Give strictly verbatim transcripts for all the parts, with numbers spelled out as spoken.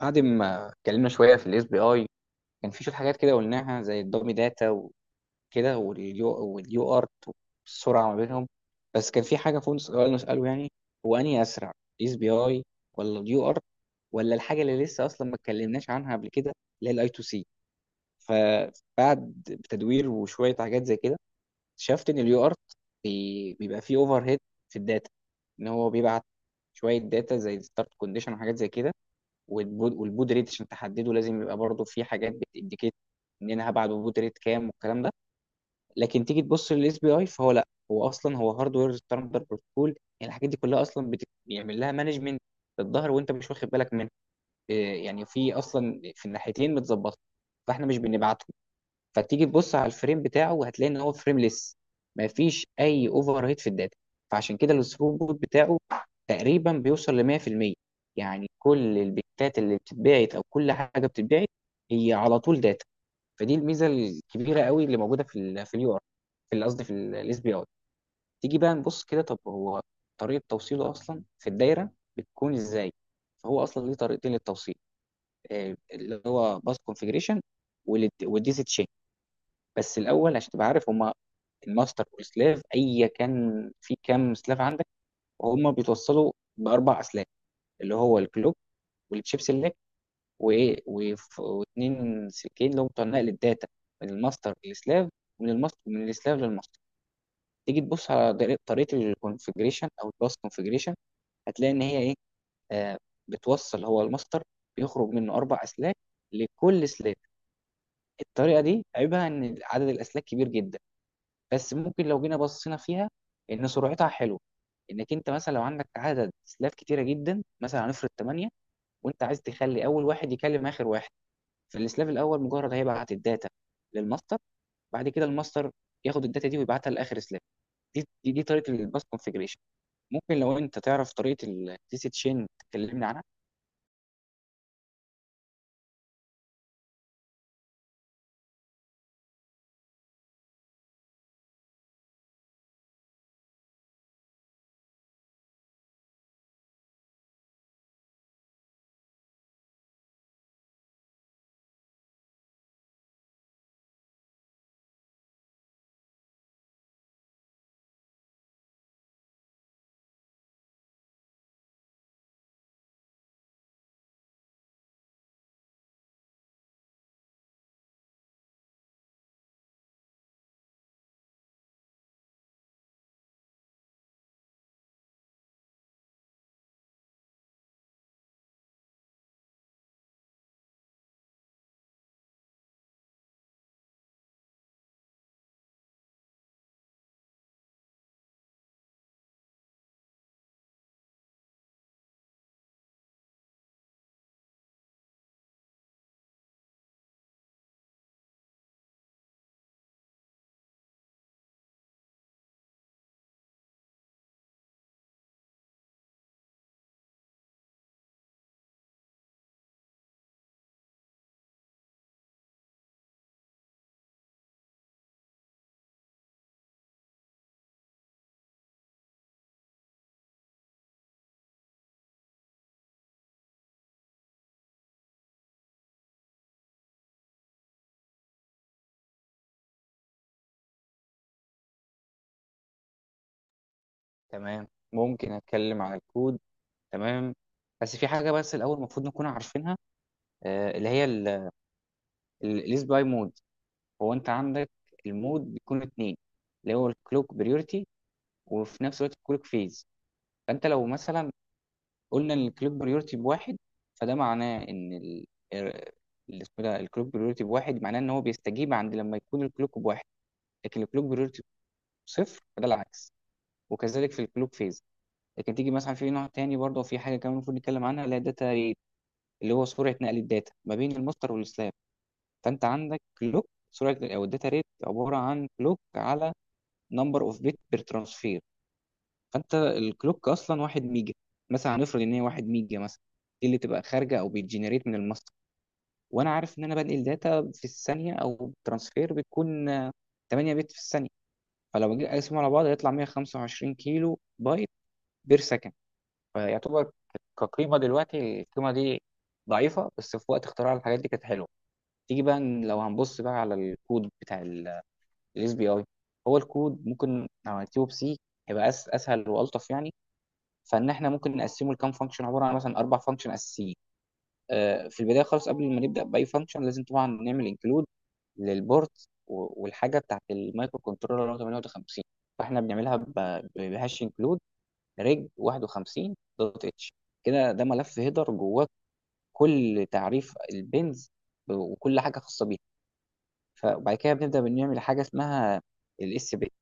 بعد ما اتكلمنا شويه في الاس بي اي، كان في شويه حاجات كده قلناها، زي الدومي داتا وكده، واليو واليو ارت، والسرعه ما بينهم. بس كان في حاجه فوق، سؤال نساله، يعني هو انهي اسرع؟ الاس بي اي ولا اليو ارت، ولا الحاجه اللي لسه اصلا ما اتكلمناش عنها قبل كده، اللي هي الاي تو سي. فبعد تدوير وشويه حاجات زي كده، اكتشفت ان اليو ارت بيبقى فيه اوفر هيد في الداتا، ان هو بيبعت شويه داتا زي ستارت كونديشن وحاجات زي كده. والبود، والبود ريت عشان تحدده لازم يبقى برضه في حاجات بتindicate ان انا هبعت ببود ريت كام والكلام ده. لكن تيجي تبص للاس بي اي، فهو لا، هو اصلا هو هاردوير ستاندر بروتوكول، يعني الحاجات دي كلها اصلا بت- بيعمل لها مانجمنت للظهر وانت مش واخد بالك منها. إيه، يعني في اصلا في الناحيتين متظبطه، فاحنا مش بنبعته. فتيجي تبص على الفريم بتاعه، وهتلاقي ان هو فريمليس. مفيش اي اوفر هيد في الداتا، فعشان كده الثروبوت بتاعه تقريبا بيوصل ل مية بالمية، يعني كل البيتات اللي بتتباعت او كل حاجه بتتباعت هي على طول داتا. فدي الميزه الكبيره قوي اللي موجوده في ال في اليو ار، في ال- قصدي في الاس بي اي. تيجي بقى نبص كده، طب هو طريقه توصيله اصلا في الدايره بتكون ازاي؟ فهو اصلا ليه طريقتين للتوصيل، آه، اللي هو باس كونفجريشن والديزي. بس الاول عشان تبقى عارف هما الماستر والسلاف، ايا كان في كام سلاف عندك. وهم بيتوصلوا باربع اسلاك، اللي هو الكلوك والتشيب سيلكت وايه وف- واثنين سلكين اللي هم بتوع نقل الداتا، من الماستر للسلاف، ومن الماستر من السلاف للماستر. تيجي تبص على طريق- طريقه الكونفجريشن او الباس كونفجريشن، هتلاقي ان هي ايه. آه بتوصل، هو الماستر بيخرج منه اربع اسلاك لكل سلاف. الطريقه دي عيبها ان عدد الاسلاك كبير جدا، بس ممكن لو جينا بصينا فيها، ان سرعتها حلوه. انك انت مثلا لو عندك عدد سلاف كتيره جدا، مثلا هنفرض تمانية، وانت عايز تخلي اول واحد يكلم اخر واحد، فالسلاف الاول مجرد هيبعت الداتا للماستر، بعد كده الماستر ياخد الداتا دي ويبعتها لاخر سلاف. دي دي, دي طريقه الباس كونفيجريشن. ممكن لو انت تعرف طريقه التي سي تشين تكلمني عنها. تمام. ممكن اتكلم عن الكود. تمام، بس في حاجه بس الاول المفروض نكون عارفينها، آه، اللي هي الاس باي مود. هو انت عندك المود بيكون اتنين، اللي هو الكلوك بريورتي، وفي نفس الوقت الكلوك فيز. فانت لو مثلا قلنا ان الكلوك بريورتي بواحد، فده معناه ان ال... ال- اللي اسمه ده الكلوك بريورتي بواحد، معناه ان هو بيستجيب عند لما يكون الكلوك بواحد. لكن الكلوك بريورتي بصفر فده العكس. وكذلك في الكلوك فيز. لكن تيجي مثلا في نوع تاني، برضه في حاجه كمان المفروض نتكلم عنها، اللي هي داتا ريت، اللي هو سرعه نقل الداتا ما بين المصدر والسلاب. فانت عندك كلوك سرعه، او الداتا ريت عباره عن كلوك على نمبر اوف بت بير ترانسفير. فانت الكلوك اصلا واحد ميجا، مثلا هنفرض ان هي واحد ميجا مثلا، دي اللي تبقى خارجه او بيتجنريت من الماستر. وانا عارف ان انا بنقل داتا في الثانيه، او ترانسفير بتكون آه، 8 بت في الثانيه. فلو جيت اقسمهم على بعض هيطلع مية وخمسة وعشرين كيلو بايت كيلو بايت بير سكند. فيعتبر كقيمه دلوقتي القيمه دي ضعيفه، بس في وقت اختراع الحاجات دي كانت حلوه. تيجي بقى ن- لو هنبص بقى على الكود بتاع الاس بي اي. هو الكود، ممكن لو هنكتبه بسي، هيبقى أس اسهل والطف يعني. فان احنا ممكن نقسمه لكام فانكشن، عباره عن مثلا اربع فانكشن اساسيين. آه، في البدايه خالص قبل ما نبدا باي فانكشن، لازم طبعا نعمل انكلود للبورت و- والحاجه بتاعت المايكرو كنترولر اللي هو تمنية وخمسين. فاحنا بنعملها ب- بهاش انكلود ريج واحد وخمسين دوت اتش. كده ده ملف هيدر جواه كل تعريف البنز وكل حاجه خاصه بيها. فبعد كده بنبدا بنعمل حاجه اسمها الاس بي.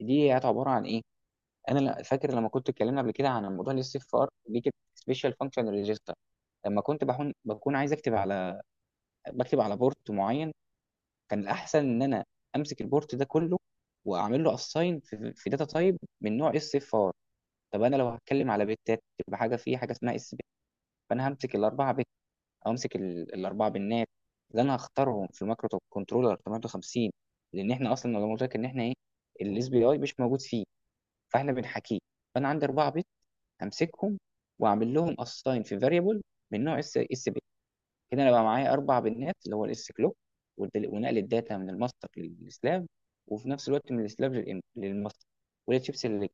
دي عباره عن ايه؟ انا لا- فاكر لما كنت اتكلمنا قبل كده عن الموضوع، اللي السي ار دي كانت سبيشال فانكشن ريجستر. لما كنت بكون بكون عايز اكتب على، بكتب على بورت معين، كان الاحسن ان انا امسك البورت ده كله واعمل له اساين في, في داتا تايب من نوع اس اف ار. طب انا لو هتكلم على بتات، تبقى حاجه في حاجه اسمها اس بي. فانا همسك الاربعه بت، او امسك ال- الاربعه بنات اللي انا هختارهم في المايكرو كنترولر ثمانية وخمسون. لان احنا اصلا لو قلت لك ان احنا ايه، الاس بي اي مش موجود فيه، فاحنا بنحكيه. فانا عندي اربعه همسكهم واعمل لهم اساين في فاريبل من نوع اس اس بي. كده انا بقى معايا اربع بنات، اللي هو الاس كلوك ونقل الداتا من الماستر للسلاف، وفي نفس الوقت من السلاف للإم- للماستر، والتشيبس اللي.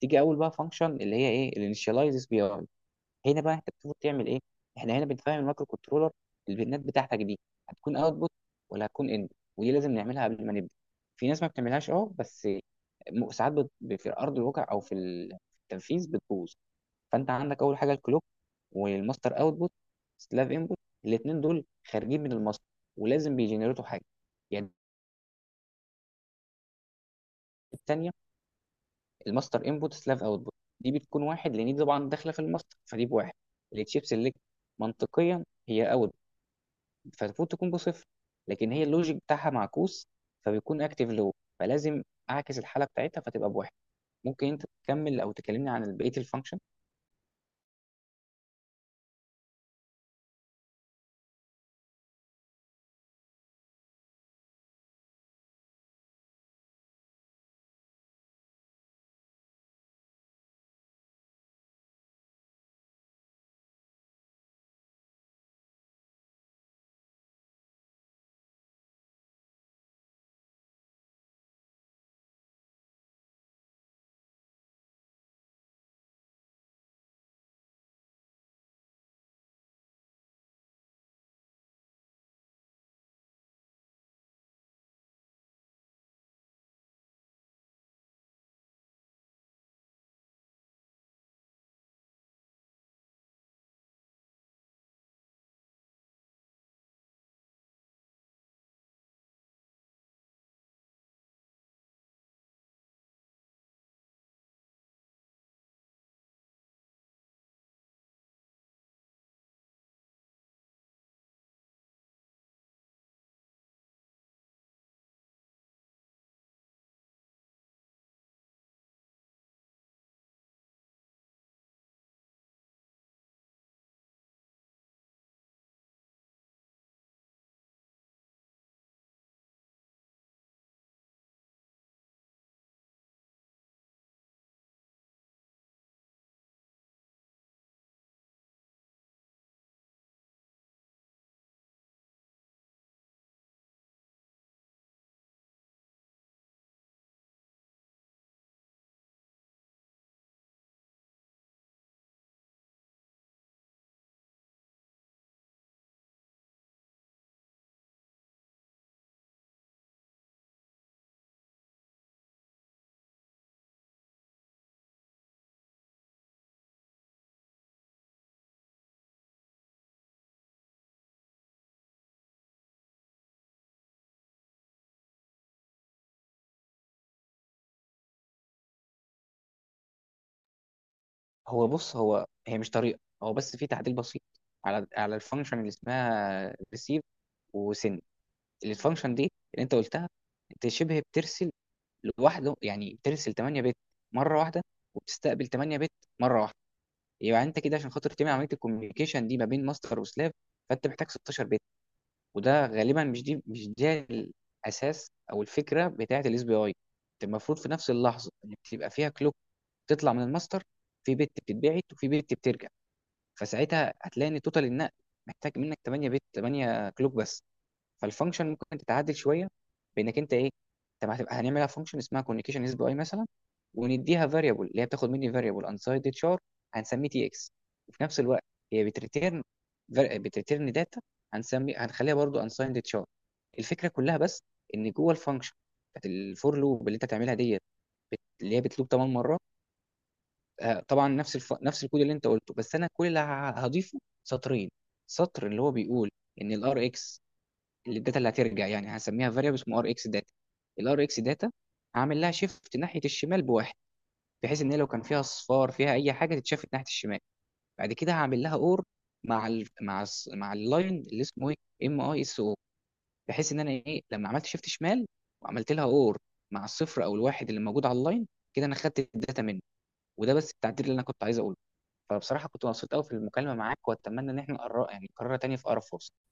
تيجي اول بقى فانكشن، اللي هي ايه، الانيشاليز اس بي اي. هنا بقى انت المفروض تعمل ايه؟ احنا هنا بنفهم المايكرو كنترولر البيانات بتاعتك دي هتكون اوتبوت ولا هتكون ان. ودي لازم نعملها قبل ما نبدا، في ناس ما بتعملهاش، اه، بس م- ساعات بت- في ارض الواقع او في ال- في التنفيذ بتبوظ. فانت عندك اول حاجه الكلوك والماستر اوتبوت سلاف انبوت، الاثنين دول خارجين من الماستر ولازم بيجنريتوا حاجه، يعني. الثانيه الماستر انبوت سلاف اوتبوت، دي بتكون واحد لان دي طبعا داخله في الماستر فدي بواحد. التشيب سيلكت منطقيا هي اوت، فالمفروض تكون بصفر، لكن هي اللوجيك بتاعها معكوس فبيكون اكتيف لو فلازم اعكس الحاله بتاعتها فتبقى بواحد. ممكن انت تكمل او تكلمني عن بقيه الفانكشن. هو بص، هو هي مش طريقه، هو بس في تعديل بسيط، على على الفانكشن اللي اسمها ريسيف وسن. الفانكشن دي اللي انت قلتها، انت شبه بترسل لوحده، يعني بترسل 8 بت مره واحده، وبتستقبل 8 بت مره واحده. يبقى انت كده عشان خاطر تعمل عمليه الكوميونيكيشن دي ما بين ماستر وسلاف، فانت محتاج 16 بت. وده غالبا مش، دي مش ده الاساس او الفكره بتاعه الاس بي اي. المفروض في نفس اللحظه ان بتبقى فيها كلوك تطلع من الماستر، في بت بتتبعت وفي بت بترجع. فساعتها هتلاقي ان توتال النقل محتاج منك 8 بت، 8 كلوك بس. فالفانكشن ممكن تتعدل شويه بانك انت ايه. طب هتبقى هنعملها فانكشن اسمها كوميونيكيشن اس بي اي مثلا، ونديها فاريبل، اللي هي بتاخد مني فاريبل انسايد تشار، هنسميه تي اكس. وفي نفس الوقت هي بتريتيرن بتريتيرن داتا، هنسمي هنخليها برضو انسايند تشار. الفكره كلها بس ان جوه الفانكشن بتاعت الفور لوب اللي انت هتعملها ديت، بت- اللي هي بتلوب 8 مرات. آه، طبعا نفس الف... نفس الكود اللي انت قلته، بس انا كل اللي ه- هضيفه سطرين. سطر اللي هو بيقول ان الار اكس، الداتا اللي هترجع، يعني هسميها فاريبل اسمه ار اكس داتا. الار اكس داتا هعمل لها شيفت ناحيه الشمال بواحد، بحيث ان هي لو كان فيها اصفار، فيها اي حاجه تتشافت ناحيه الشمال. بعد كده هعمل لها اور مع ال... مع الس- مع اللاين، اللي اسمه ايه، ام اي اس او، بحيث ان انا ايه لما عملت شيفت شمال وعملت لها اور مع الصفر او الواحد اللي موجود على اللاين، كده انا خدت الداتا منه. وده بس التعديل اللي انا كنت عايز اقوله. فبصراحه كنت مبسوط قوي في المكالمه معاك، واتمنى ان احنا نقرر يعني نكررها تاني في اقرب فرصه.